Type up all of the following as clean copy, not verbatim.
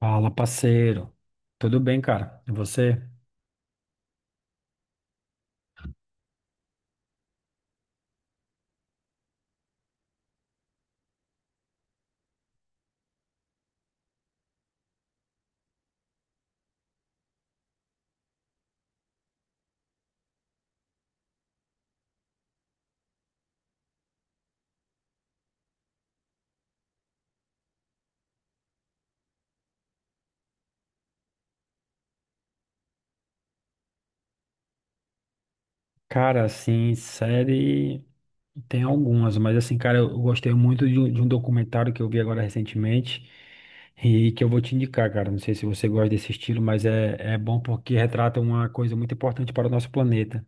Fala, parceiro. Tudo bem, cara? E você? Cara, assim, série tem algumas, mas assim, cara, eu gostei muito de um documentário que eu vi agora recentemente e que eu vou te indicar, cara. Não sei se você gosta desse estilo, mas é bom porque retrata uma coisa muito importante para o nosso planeta.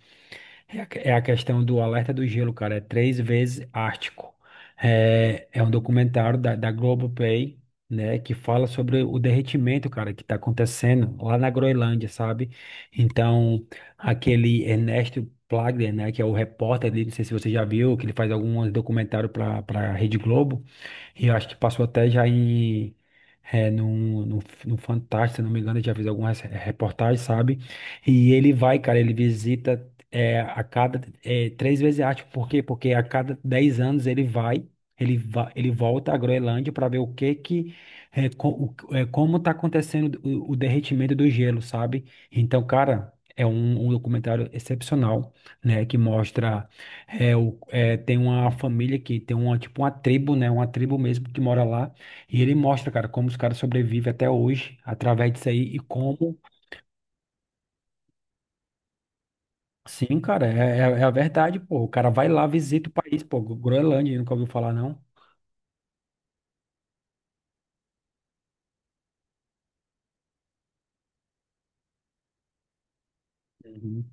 É a questão do Alerta do Gelo, cara. É Três Vezes Ártico. É um documentário da Globoplay, né? Que fala sobre o derretimento, cara, que tá acontecendo lá na Groenlândia, sabe? Então, aquele Ernesto Plagler, né? Que é o repórter ali, não sei se você já viu, que ele faz alguns documentários para a Rede Globo. E eu acho que passou até já em. É, num, num, num Fantástico, se não me engano, eu já fez algumas reportagens, sabe? E ele vai, cara, ele visita a cada três vezes, acho. Por quê? Porque a cada 10 anos ele vai, ele volta à Groenlândia para ver o que que. Como tá acontecendo o derretimento do gelo, sabe? Então, cara, é um documentário excepcional, né? Que mostra. Tem uma família que tem uma, tipo, uma tribo, né? Uma tribo mesmo que mora lá. E ele mostra, cara, como os caras sobrevivem até hoje através disso aí e como. Sim, cara, é a verdade, pô. O cara vai lá, visita o país, pô. Groenlândia, nunca ouviu falar, não? Uhum,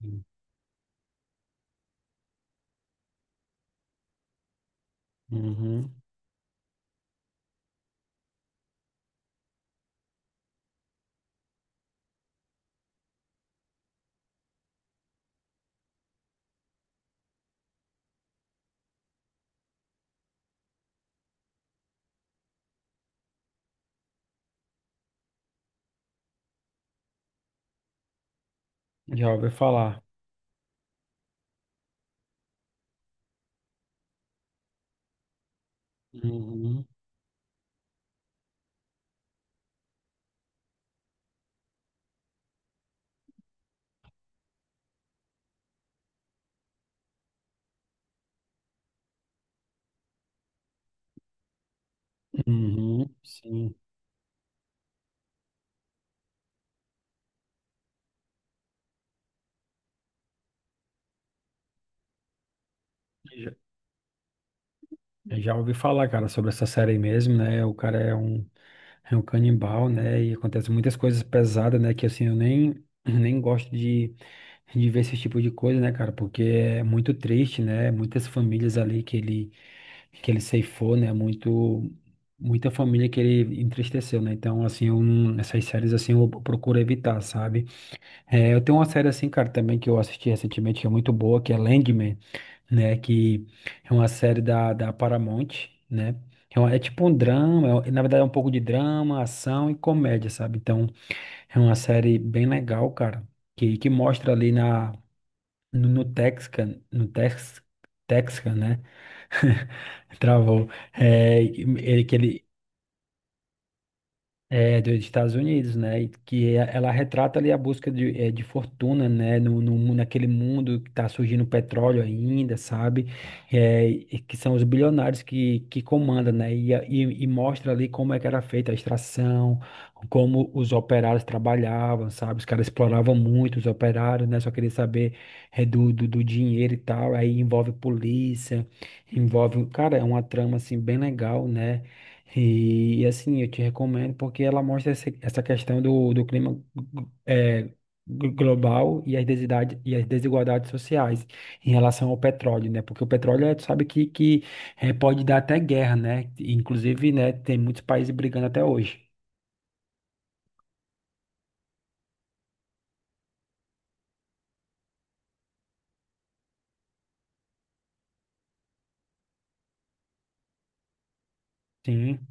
sim. Uhum, já ouvi falar. Uhum, uhum, sim. Já, já ouvi falar, cara, sobre essa série mesmo, né? O cara é um. É um canibal, né? E acontece muitas coisas pesadas, né? Que assim, eu nem, nem gosto de ver esse tipo de coisa, né, cara? Porque é muito triste, né? Muitas famílias ali que ele ceifou, né? Muita família que ele entristeceu, né? Então, assim, eu não- essas séries, assim, eu procuro evitar, sabe? É, eu tenho uma série, assim, cara, também que eu assisti recentemente, que é muito boa, que é Landman, né? Que é uma série da Paramount, né? É, é tipo um drama, na verdade é um pouco de drama, ação e comédia, sabe? Então é uma série bem legal, cara, que mostra ali na, no, no Texcan, no Tex, Texcan, né? Travou. É, dos Estados Unidos, né? E que ela retrata ali a busca de fortuna, né? No, no, mu- naquele mundo que está surgindo petróleo ainda, sabe? É, e que são os bilionários que comandam, né? E mostra ali como é que era feita a extração, como os operários trabalhavam, sabe? Os caras exploravam muito os operários, né? Só queria saber do dinheiro e tal. Aí envolve polícia, envolve. Cara, é uma trama, assim, bem legal, né? E, assim, eu te recomendo porque ela mostra essa questão do clima, é, global, e as desigualdades sociais em relação ao petróleo, né? Porque o petróleo, tu sabe que pode dar até guerra, né? Inclusive, né, tem muitos países brigando até hoje. Sim,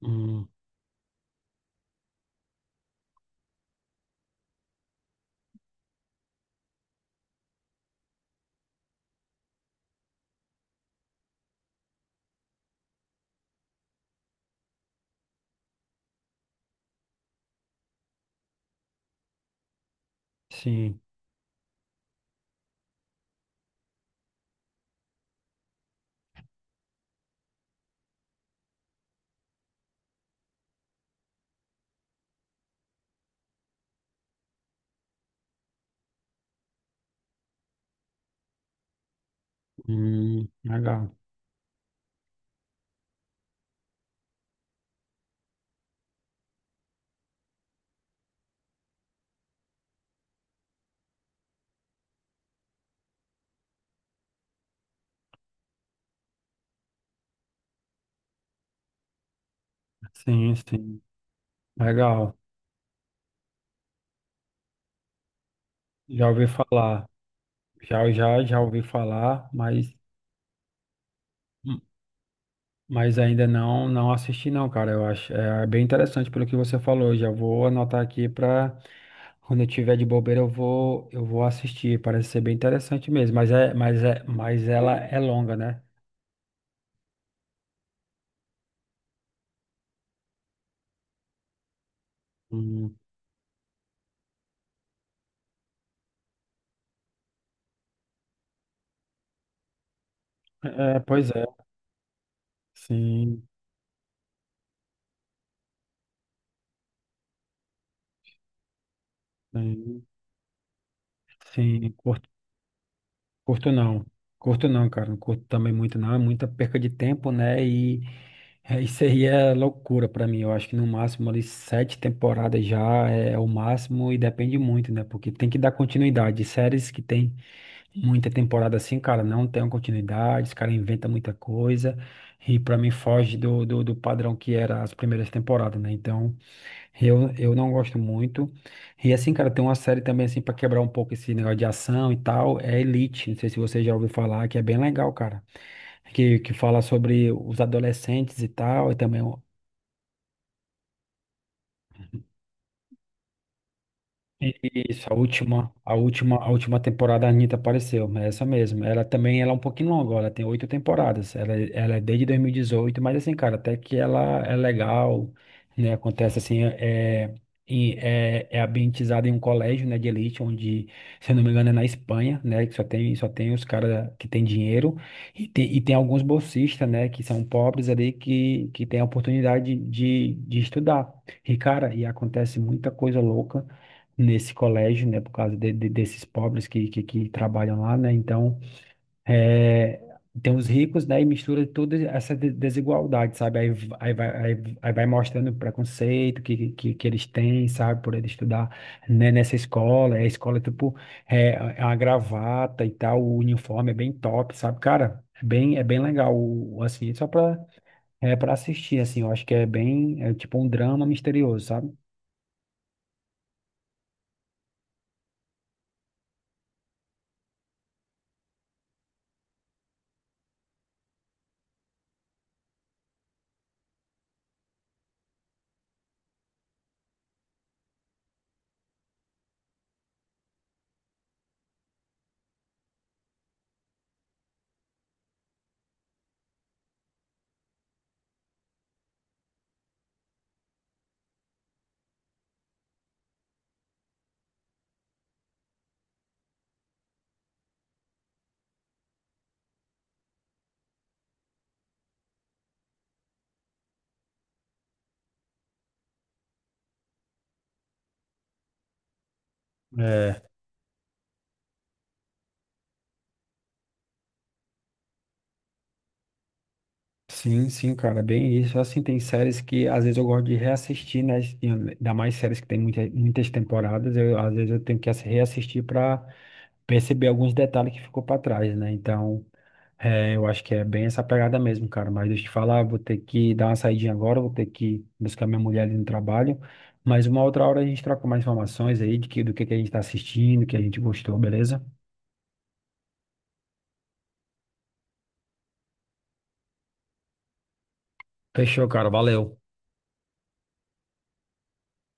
hum, sim, legal. Sim, sim, legal. Já ouvi falar, já ouvi falar, mas. Mas ainda não assisti, não, cara. Eu acho é bem interessante pelo que você falou. Eu já vou anotar aqui para quando eu tiver de bobeira eu vou assistir. Parece ser bem interessante mesmo, mas ela é longa, né? Hum. É, pois é. Sim, sim, sim. Curto não, curto não, cara, não curto também muito não, é muita perca de tempo, né? E isso aí é loucura pra mim. Eu acho que no máximo ali sete temporadas já é o máximo, e depende muito, né? Porque tem que dar continuidade. Séries que tem muita temporada assim, cara, não tem uma continuidade, os caras inventam muita coisa e pra mim foge do padrão que era as primeiras temporadas, né? Então. Eu não gosto muito. E assim, cara, tem uma série também assim pra quebrar um pouco esse negócio de ação e tal, é Elite. Não sei se você já ouviu falar, que é bem legal, cara. Que fala sobre os adolescentes e tal, e também. Isso, a última temporada a Anitta apareceu, é essa mesmo. Ela também, ela é um pouquinho longa, ela tem oito temporadas, ela é desde 2018. Mas assim, cara, até que ela é legal, né, acontece assim, é ambientizada em um colégio, né, de elite, onde, se eu não me engano, é na Espanha, né, que só tem os caras que tem dinheiro, e tem alguns bolsistas, né, que são pobres ali, que tem a oportunidade de estudar. E, cara, e acontece muita coisa louca nesse colégio, né, por causa desses pobres que trabalham lá, né, então, é, tem os ricos, né, e mistura toda essa desigualdade, sabe, aí, v- aí, vai, aí, aí vai mostrando o preconceito que eles têm, sabe, por eles estudar, né, nessa escola, tipo, é, a gravata e tal, o uniforme é bem top, sabe, cara, é bem legal, assim, só pra, é, pra assistir, assim, eu acho que é bem, é tipo um drama misterioso, sabe? É. Sim, sim, cara, bem isso. Assim, tem séries que às vezes eu gosto de reassistir, né? E ainda mais séries que tem muitas temporadas, às vezes eu tenho que reassistir para perceber alguns detalhes que ficou para trás, né? Então, é, eu acho que é bem essa pegada mesmo, cara. Mas deixa eu te falar, vou ter que dar uma saidinha agora, vou ter que buscar minha mulher ali no trabalho. Mas uma outra hora a gente troca mais informações aí de que, do que a gente tá assistindo, que a gente gostou, beleza? Fechou, cara, valeu.